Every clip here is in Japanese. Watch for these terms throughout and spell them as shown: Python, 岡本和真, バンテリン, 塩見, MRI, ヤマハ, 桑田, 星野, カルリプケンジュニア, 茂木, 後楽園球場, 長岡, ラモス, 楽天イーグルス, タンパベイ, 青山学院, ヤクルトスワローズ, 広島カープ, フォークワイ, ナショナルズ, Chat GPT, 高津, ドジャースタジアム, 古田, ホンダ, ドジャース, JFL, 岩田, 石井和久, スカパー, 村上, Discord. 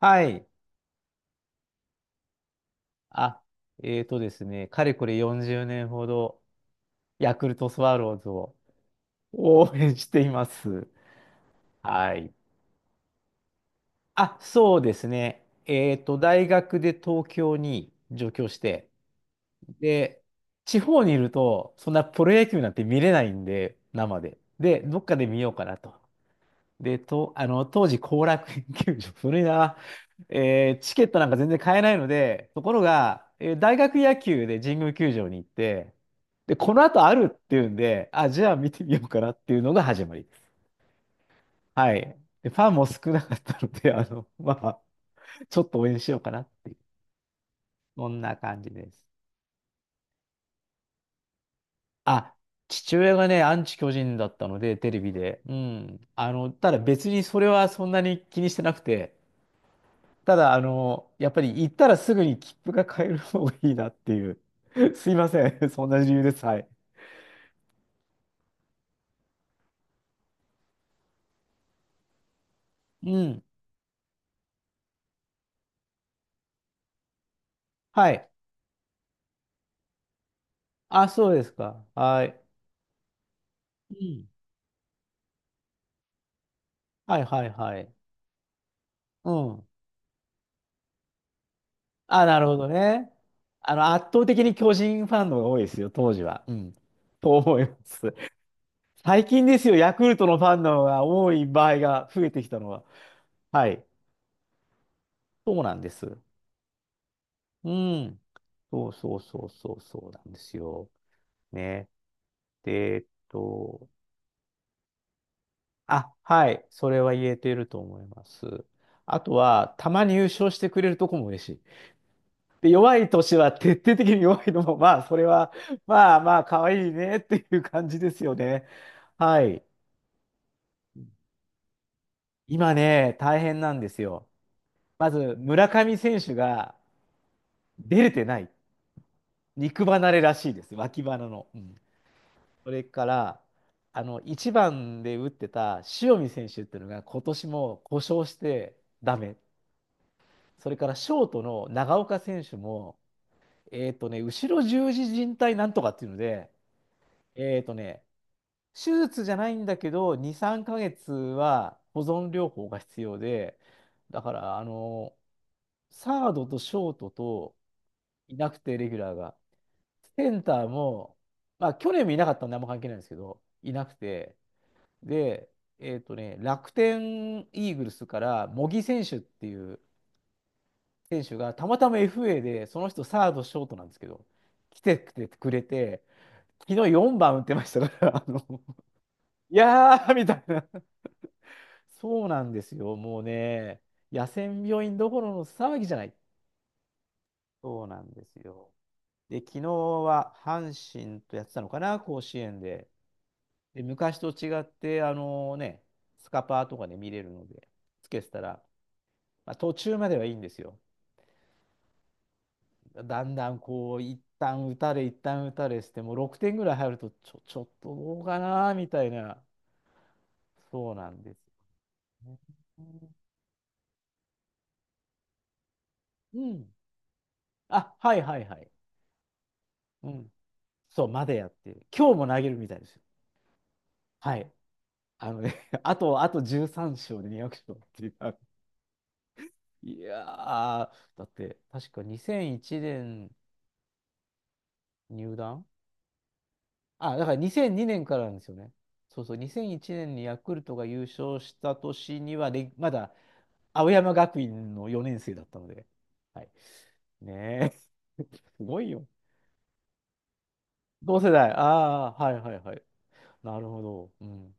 はい。あ、えーとですね、かれこれ40年ほど、ヤクルトスワローズを応援しています。はい。あ、そうですね。大学で東京に上京して、で、地方にいると、そんなプロ野球なんて見れないんで、生で。で、どっかで見ようかなと。で、と、あの、当時、後楽園球場、古いな、チケットなんか全然買えないので、ところが、大学野球で神宮球場に行って、で、この後あるっていうんで、あ、じゃあ見てみようかなっていうのが始まりです。はい。で、ファンも少なかったので、まあ、ちょっと応援しようかなっていう、そんな感じです。あ、父親がね、アンチ巨人だったので、テレビで。うん。ただ別にそれはそんなに気にしてなくて、ただ、やっぱり行ったらすぐに切符が買える方がいいなっていう。すいません。そんな理由です。はい。うん。はい。あ、そうですか。はい。うん。はいはいはい。うん。あ、なるほどね。圧倒的に巨人ファンの方が多いですよ、当時は。うん。と思います。最近ですよ、ヤクルトのファンの方が多い場合が増えてきたのは。はい。そうなんです。うん。そうそうそうそうそうなんですよ。ね。で、あ、はい、それは言えていると思います。あとは、たまに優勝してくれるとこも嬉しい。で、弱い年は徹底的に弱いのも、まあ、それは、まあまあ、可愛いねっていう感じですよね。はい。今ね、大変なんですよ。まず、村上選手が出れてない。肉離れらしいです。脇腹の。うん。それから、1番で打ってた塩見選手っていうのが今年も故障してダメ。それからショートの長岡選手も、後ろ十字靭帯なんとかっていうので、えっとね、手術じゃないんだけど、2、3ヶ月は保存療法が必要で、だから、サードとショートといなくて、レギュラーが。センターも、まあ、去年もいなかったんであんま関係ないんですけど、いなくて、で、楽天イーグルスから茂木選手っていう選手がたまたま FA で、その人サード、ショートなんですけど、来てくれて、昨日4番打ってましたから、いやーみたいな。そうなんですよ、もうね、野戦病院どころの騒ぎじゃない。そうなんですよ。で、昨日は阪神とやってたのかな、甲子園で。で、昔と違って、スカパーとかで見れるので、つけてたら、まあ、途中まではいいんですよ。だんだんこう、一旦打たれ、一旦打たれして、もう6点ぐらい入ると、ちょっとどうかな、みたいな、そうなんですよね。うん。あ、はいはいはい。うん。そう、までやってる、今日も投げるみたいですよ。はい。あのね、あと13勝で200勝っていう。いやー、だって、確か2001年入団。あ、だから2002年からなんですよね。そうそう、2001年にヤクルトが優勝した年には、で、まだ青山学院の4年生だったので。はい。ねえ。すごいよ。同世代。ああ、はいはいはい。なるほど。うん。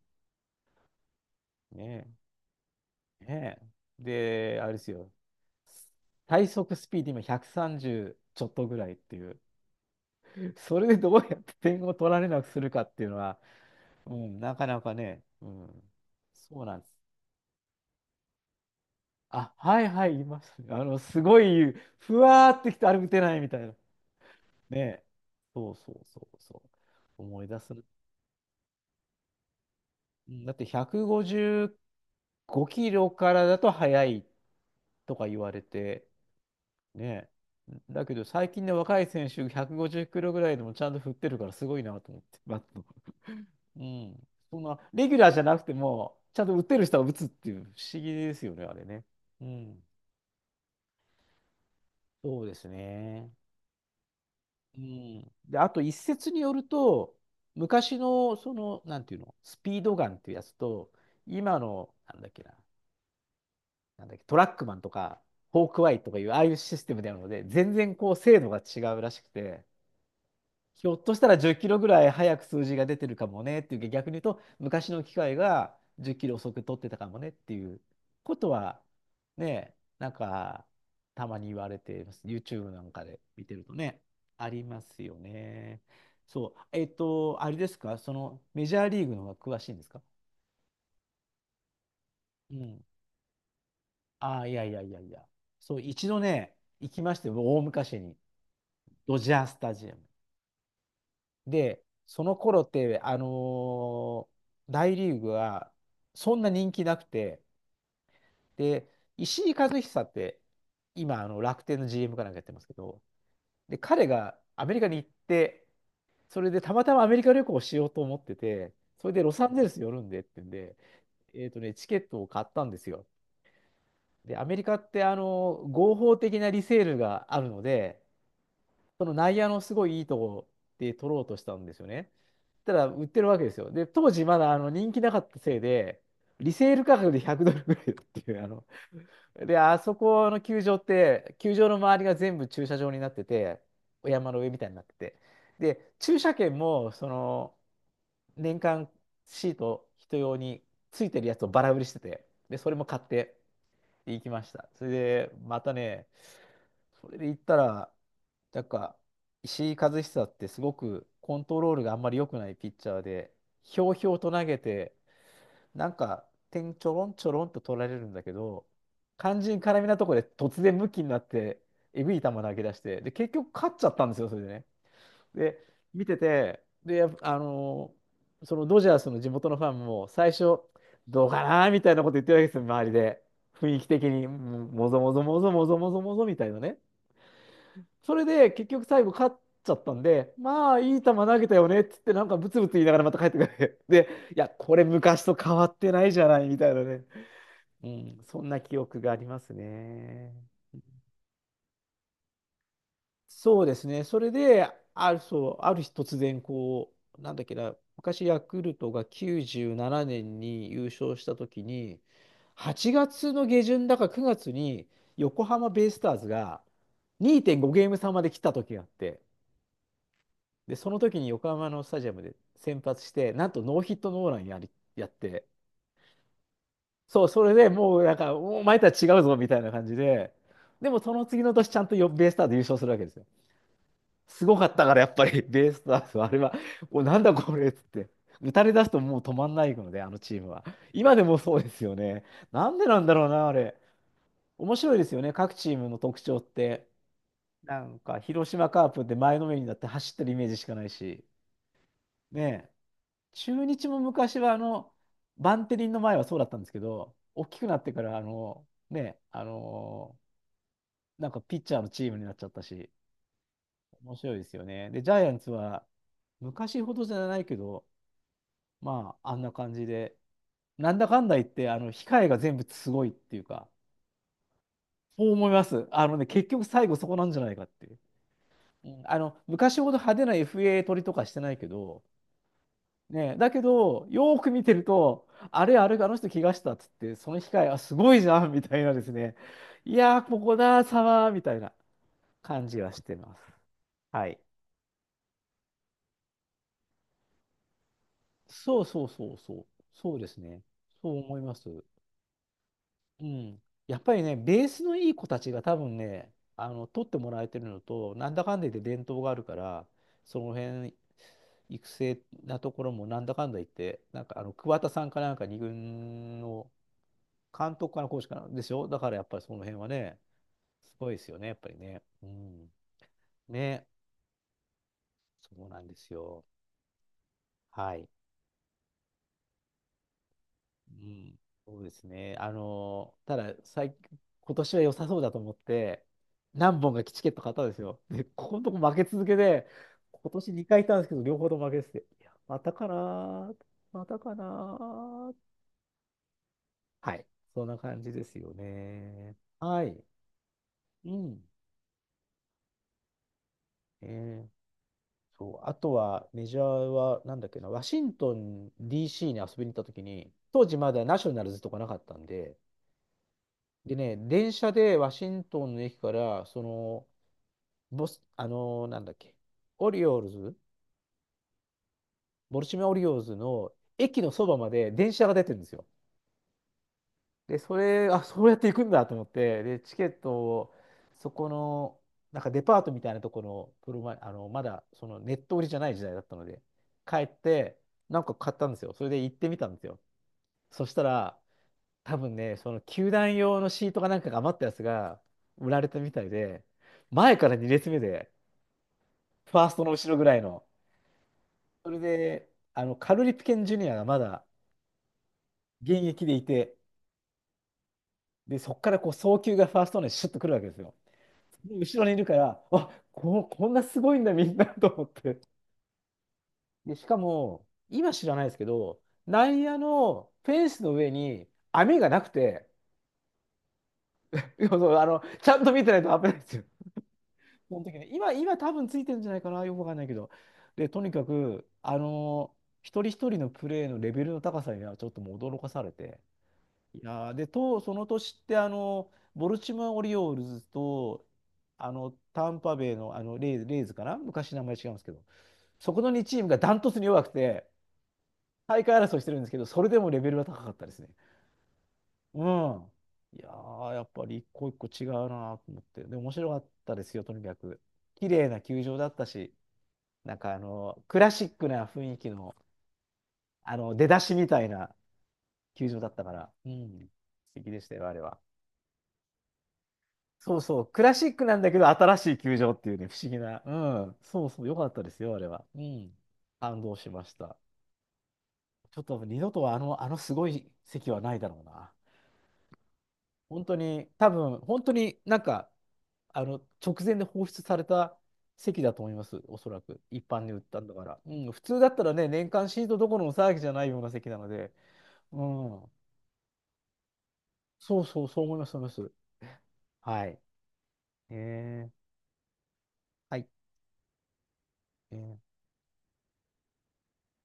ねえ。ねえ。で、あれですよ。最速スピード今130ちょっとぐらいっていう。それでどうやって点を取られなくするかっていうのは、うん、なかなかね、うん、そうなんです。あ、はいはい、いますね。すごい、ふわーってきて、あれ打てないみたいな。ね。そうそうそうそう。思い出す。うん。だって155キロからだと速いとか言われて、ね。だけど最近の若い選手150キロぐらいでもちゃんと振ってるからすごいなと思って。バット。うん。そんな、レギュラーじゃなくても、ちゃんと打てる人は打つっていう不思議ですよね、あれね。うん。そうですね。うん。で、あと一説によると、昔のその、なんていうの、スピードガンっていうやつと、今の、なんだっけな、なんだっけ、トラックマンとか、フォークワイとかいう、ああいうシステムであるので、全然精度が違うらしくて、ひょっとしたら10キロぐらい早く数字が出てるかもねっていう逆に言うと、昔の機械が10キロ遅く取ってたかもねっていうことは、ね、なんか、たまに言われています。YouTube なんかで見てるとね、ありますよね。そう、あれですか、そのメジャーリーグの方が詳しいんですか？うん。ああ、いやいやいやいや。そう、一度ね、行きまして、大昔に、ドジャースタジアム。で、その頃って、ー大リーグはそんな人気なくて、で、石井和久って、今、あの楽天の GM かなんかやってますけど、で、彼がアメリカに行って、それでたまたまアメリカ旅行をしようと思ってて、それでロサンゼルス寄るんでってんで、チケットを買ったんですよ。で、アメリカって、合法的なリセールがあるので、その内野のすごいいいとこで取ろうとしたんですよね。たら売ってるわけですよ。で、当時まだ人気なかったせいで、リセール価格で100ドルぐらいっていう、で、あそこの球場って、球場の周りが全部駐車場になってて、お山の上みたいになってて、で、駐車券も、年間シート人用についてるやつをバラ売りしてて、で、それも買って行きました。それで、またね、それで言ったら、なんか、石井一久ってすごくコントロールがあんまり良くないピッチャーで、ひょうひょうと投げて、なんか点ちょろんちょろんと取られるんだけど、肝心絡みなところで突然ムキになって、えぐい球投げ出して、で、結局勝っちゃったんですよ、それでね。で、見てて、で、やっぱそのドジャースの地元のファンも最初、どうかなーみたいなこと言ってるわけですよ、周りで。雰囲気的に、もぞもぞもぞもぞもぞもぞみたいなね。それで結局最後勝っちゃったんで、まあいい球投げたよねっつってなんかブツブツ言いながらまた帰ってくる。で、いや、これ昔と変わってないじゃないみたいなね。うん、そんな記憶がありますね。そうですね。それで、ある、そう、ある日突然こう、なんだっけな、昔ヤクルトが97年に優勝した時に、8月の下旬だか9月に横浜ベイスターズが2.5ゲーム差まで来た時があって、で、その時に横浜のスタジアムで先発して、なんとノーヒットノーランやって、そう、それでもうなんか、お前とは違うぞみたいな感じで、でもその次の年ちゃんとよベイスターズ優勝するわけですよ。すごかったからやっぱり ベイスターズはあれは、お、なんだこれっつって。打たれ出すともう止まんないので、あのチームは。今でもそうですよね。なんでなんだろうな、あれ。面白いですよね、各チームの特徴って。なんか、広島カープって前のめりになって走ってるイメージしかないし。ねえ。中日も昔はあの、バンテリンの前はそうだったんですけど、大きくなってから、あの、ね、あの、なんかピッチャーのチームになっちゃったし、面白いですよね。で、ジャイアンツは、昔ほどじゃないけど、まあ、あんな感じで、なんだかんだ言って、あの、控えが全部すごいっていうか、そう思います。あのね、結局最後そこなんじゃないかっていう。うんあの、昔ほど派手な FA 取りとかしてないけど、ね、だけど、よーく見てると、あれ、あれ、あの人怪我したっつって、その機械、あ、すごいじゃんみたいなですね、いやー、ここだ、サマーみたいな感じはしてます。はい。そうそうそうそう、そうですね。そう思います。うん。やっぱりね、ベースのいい子たちが多分ね、あの、取ってもらえてるのと、なんだかんだ言って伝統があるから、その辺、育成なところもなんだかんだ言って、なんかあの、桑田さんかなんか二軍の、監督かな、コーチかな、でしょだからやっぱりその辺はね、すごいですよね、やっぱりね。うん。ね、そうなんですよ。はい。うん。そうですね。あのーただ、最、今年は良さそうだと思って、何本かチケット買ったんですよ。で、ここのとこ負け続けで、今年2回行ったんですけど、両方とも負けてて、いや、またかなー、またかなー。はい。そんな感じですよね。はい。うん。えーそう、あとはメジャーは、なんだっけな、ワシントン DC に遊びに行った時に、当時まだナショナルズとかなかったんで、でね、電車でワシントンの駅から、その、ボス、あのーなんだっけ、オリオールズ、ボルチモア・オリオールズの駅のそばまで電車が出てるんですよ。で、それ、あ、そうやって行くんだと思って、で、チケットを、そこの、なんかデパートみたいなところの、プロマイ、あの、まだ、そのネット売りじゃない時代だったので、帰って、なんか買ったんですよ。それで行ってみたんですよ。そしたら、多分ね、その球団用のシートかなんかが余ったやつが売られたみたいで、前から2列目で、ファーストの後ろぐらいの。それで、あの、カルリプケンジュニアがまだ現役でいて、で、そこからこう、送球がファーストにシュッとくるわけですよ。後ろにいるから、あ、こ、こんなすごいんだ、みんな と思って。で、しかも、今知らないですけど、内野のフェンスの上に網がなくて、そうそうあの、ちゃんと見てないと危ないですよ。その時ね、今、今多分ついてるんじゃないかな、よくわかんないけど。で、とにかく、あの、一人一人のプレーのレベルの高さにはちょっともう驚かされて、いやーで、と、その年って、あの、ボルチモア・オリオールズと、あの、タンパベイの、あのレイズ、レイズかな昔名前違うんですけど、そこの2チームがダントツに弱くて、大会争いしてるんですけど、それでもレベルが高かったですね。うん。いやー、やっぱり一個一個違うなと思って。で、面白かったですよ、とにかく。綺麗な球場だったし、なんかあの、クラシックな雰囲気の、あの、出だしみたいな球場だったから、うん、素敵でしたよ、あれは。そうそう、クラシックなんだけど、新しい球場っていうね、不思議な。うん、そうそう、よかったですよ、あれは。うん、感動しました。ちょっと二度とあの、あのすごい席はないだろうな。本当に、多分、本当になんか、あの、直前で放出された席だと思います、おそらく。一般に売ったんだから。うん、普通だったらね、年間シートどころの騒ぎじゃないような席なので、うん、そうそう、そう思います、そう思います。はい。えー、はい。えー、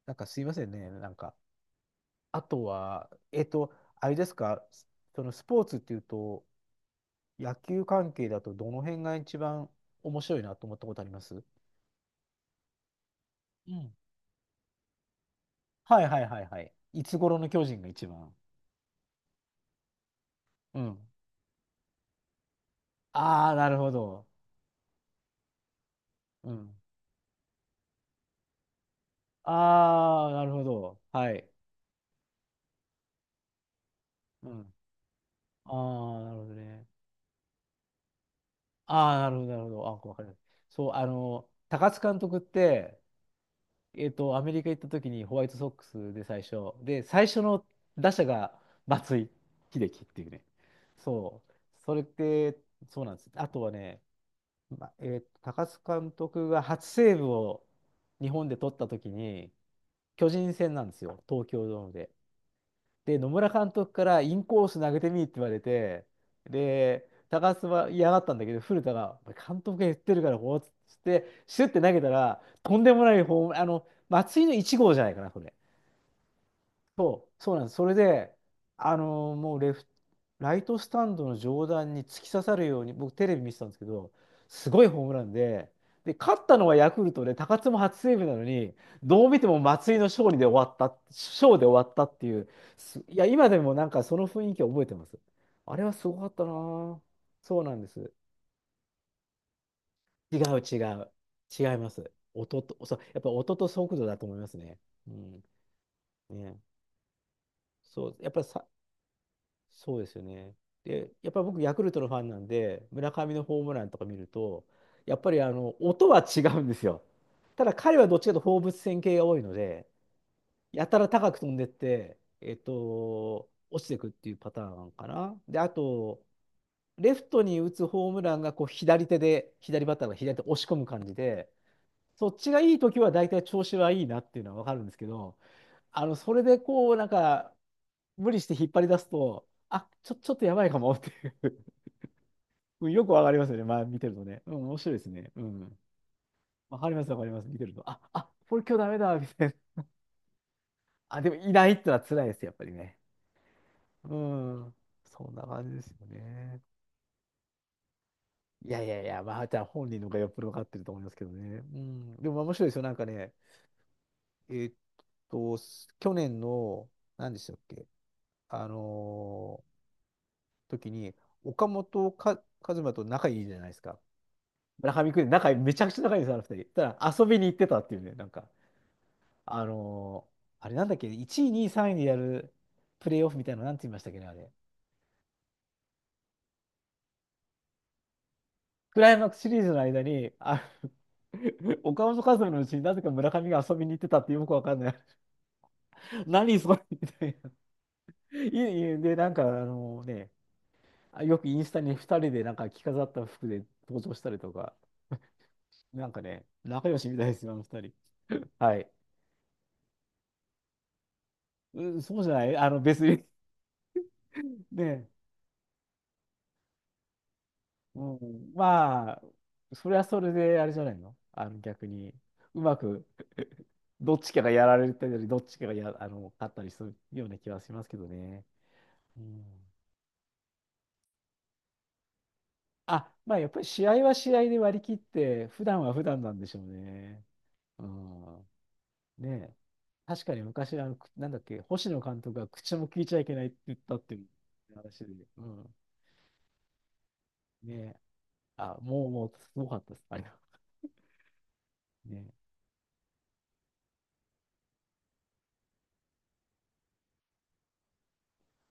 なんかすいませんね、なんか。あとは、えっと、あれですか、そのスポーツっていうと、野球関係だとどの辺が一番面白いなと思ったことありますうん。はいはいはいはい。いつ頃の巨人が一番。うん。ああ、なるほど。うん。ああ、なるほど。はい。うん。ああ、なるほどね。ああ、なるほど、なるほど。あ、わかりますそう、あの、高津監督って、えっと、アメリカ行った時にホワイトソックスで最初。で、最初の打者が松井秀喜っていうね。そう。それって、そうなんです。あとはね、ま、えっと、高津監督が初セーブを日本で取った時に、巨人戦なんですよ。東京ドームで。で、野村監督からインコース投げてみって言われて、で、高須は嫌がったんだけど、古田が、監督が言ってるから、こうっつって、シュッて投げたら、とんでもないホーム、あの、松井の1号じゃないかな、これ。そう、そうなんです。それで、あのーもうレフ、ライトスタンドの上段に突き刺さるように、僕テレビ見てたんですけど、すごいホームランで、で、勝ったのはヤクルトで、高津も初セーブなのに、どう見ても松井の勝利で終わった、勝で終わったっていう、すいや、今でもなんかその雰囲気を覚えてます。あれはすごかったなぁ。そうなんです。違う違う。違います。音と、そう、やっぱ音と速度だと思いますね。うん。ね。そう、やっぱりさ、そうですよね。で、やっぱり僕、ヤクルトのファンなんで、村上のホームランとか見ると、やっぱりあの音は違うんですよ。ただ彼はどっちかというと放物線系が多いので、やたら高く飛んでって、えっと、落ちていくっていうパターンかな。で、あと、レフトに打つホームランがこう左手で、左バッターが左手押し込む感じで、そっちがいい時は大体調子はいいなっていうのは分かるんですけど、あの、それでこう、なんか、無理して引っ張り出すと、あ、ちょ、ちょっとやばいかもっていう うんよくわかりますよね。まあ、見てるとね。うん、面白いですね。うん。わかります、わかります。見てると。あ、あ、これ今日ダメだ、みたいな。あ、でもいないってのは辛いです、やっぱりね。うん。そんな感じですよね。いやいやいや、まあ、じゃあ本人の方がよっぽどわかってると思いますけどね。うん。でも面白いですよ。なんかね、えーっと、去年の、何でしたっけ、あの時に、岡本か和真と仲いいじゃないですか。中見くんで仲めちゃくちゃ仲いいんですよ、あの二人。ただ遊びに行ってたっていうね、なんか、あのーあれなんだっけ、1位、2位、3位でやるプレイオフみたいなの、なんて言いましたっけね、あれ。クライマックスシリーズの間に、あ、 岡本和真のうちになぜか村上が遊びに行ってたってよくわかんない。何それみたいな。いいで、なんか、あのね、あよくインスタに2人でなんか着飾った服で登場したりとか、なんかね、仲良しみたいですよ、あの2人。はい。うん、そうじゃない別に。 ね。うん、まあ、それはそれであれじゃないの逆に、うまく どっちかがやられたり、どっちかがや、あの、勝ったりするような気はしますけどね。うん、あ、まあやっぱり試合は試合で割り切って、普段は普段なんでしょうね。うん。ねえ、確かに昔、あの、くなんだっけ、星野監督が口も聞いちゃいけないって言ったっていう話で、うん。ねえ、あ、もう、もう、すごかったです。あれは。ねえ。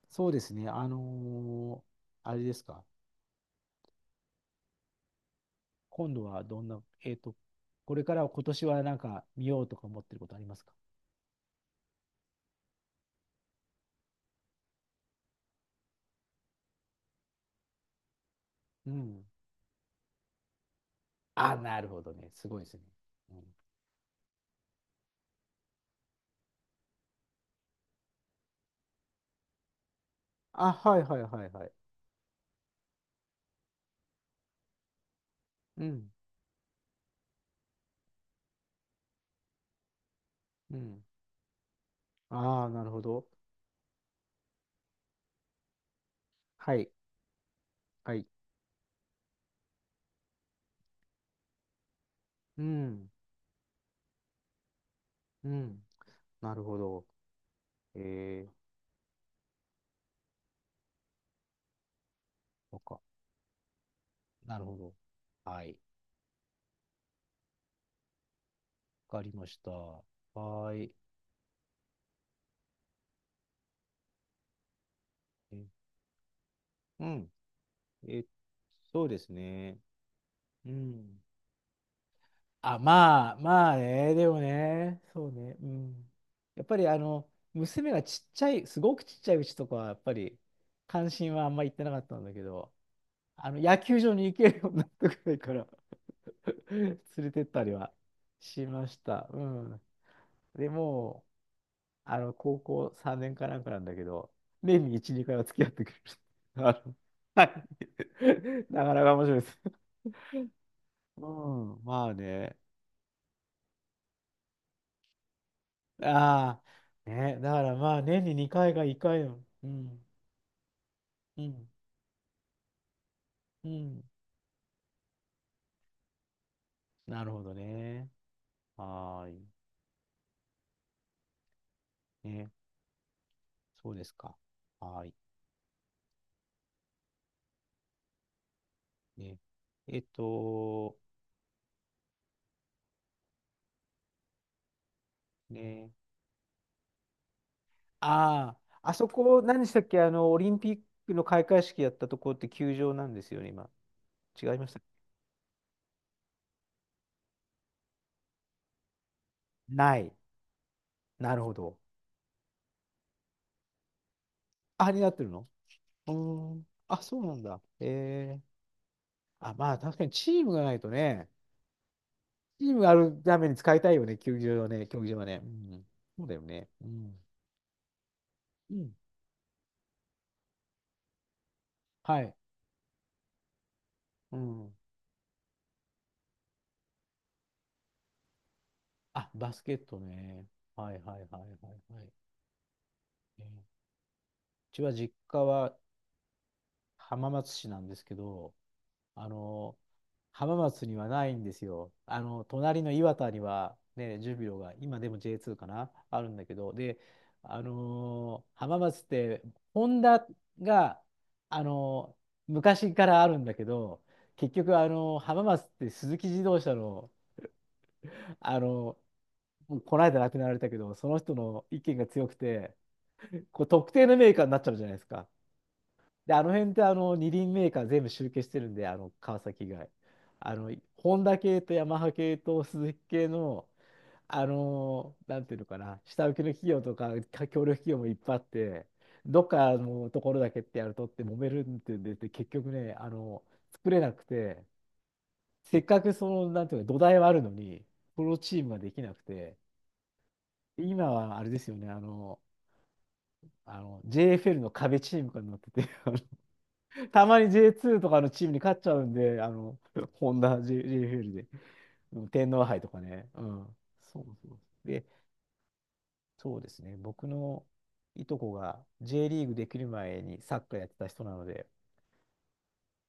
そうですね。ーあれですか。今度はどんな、これからは今年はなんか見ようとか思ってることありますか？うん。あ、なるほどね。すごいですね。うん、あ、はいはいはいはい。うん。うん。ああ、なるほど。はい。はい。うん。うん。なるほど。えー、そっか。なるほど。はい。わかりました。はーい。え。うん。え、そうですね。うん。あ、まあ、まあね、でもね、そうね、うん。やっぱり娘がちっちゃい、すごくちっちゃいうちとかは、やっぱり、関心はあんま行ってなかったんだけど、野球場に行けるようになってくらいから 連れてったりはしました。うん。でもう、高校3年かなんかなんだけど、年に1、2回は付き合ってくれる。はい。なかなか面白いです。うん、まあね。ああ、ね、だからまあ年に2回が1回の、うん、うん、うん。なるほどね。はーい。ね、そうですか。はーい。ね。えっと、ね。ああ、あそこ、何でしたっけ、オリンピックの開会式やったところって球場なんですよね、今。違いました。ない。なるほど。あ、になってるの。うーん。あ、そうなんだ。ええ。あ、まあ確かにチームがないとね。チームがあるために使いたいよね、球場はね、競技場はね。うん、そうだよね。うん。うん。はい。うん。あ、バスケットね。はいはいはいはいはい。えーうちは実家は浜松市なんですけど、あの、浜松にはないんですよ。隣の岩田には、ね、ジュビロが、今でも J2 かな、あるんだけど、で、浜松って、ホンダが、あのー昔からあるんだけど、結局、浜松って鈴木自動車の、あのーもうこの間亡くなられたけど、その人の意見が強くて、こう特定のメーカーになっちゃうじゃないですか。で、あの辺ってあの二輪メーカー全部集計してるんで、あの川崎以外。あの、ホンダ系とヤマハ系とスズキ系の、なんていうのかな、下請けの企業とか、か協力企業もいっぱいあって、どっかのところだけってやるとって揉めるってんで、で結局ね、作れなくて、せっかくその、なんていうか、土台はあるのに、プロチームができなくて、今はあれですよね、JFL の壁チームがなってて、たまに J2 とかのチームに勝っちゃうんで、ホンダ JFL で、うん、天皇杯とかね。うん。そうそう。で、そうですね。僕のいとこが J リーグできる前にサッカーやってた人なので、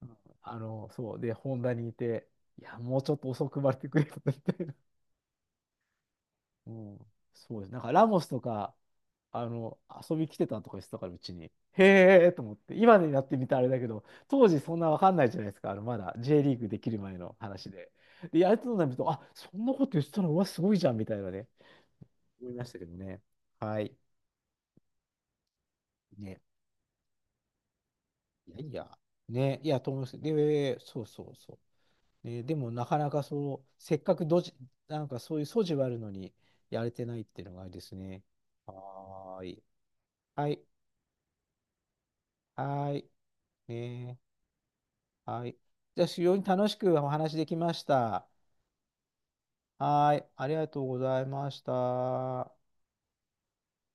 うん。そう。で、ホンダにいて、いや、もうちょっと遅く生まれてくれよみたいな。うん、そうです。なんかラモスとか、あの、遊び来てたとか言ってたから、うちに。へえと思って。今になってみたらあれだけど、当時そんなわかんないじゃないですか。まだ J リーグできる前の話で。で、やるとなると、あ、そんなこと言ってたの、うわ、すごいじゃん、みたいなね。思いましたけどね。はい。ね。いやいや。ね。いや、と思います。で、そうそうそう。ね、でも、なかなかそう、せっかくなんかそういう素地はあるのに、やれてないっていうのがあれですね。はーい。はい。はーい。ねえ。はい。じゃあ、非常に楽しくお話できました。はい。ありがとうございました。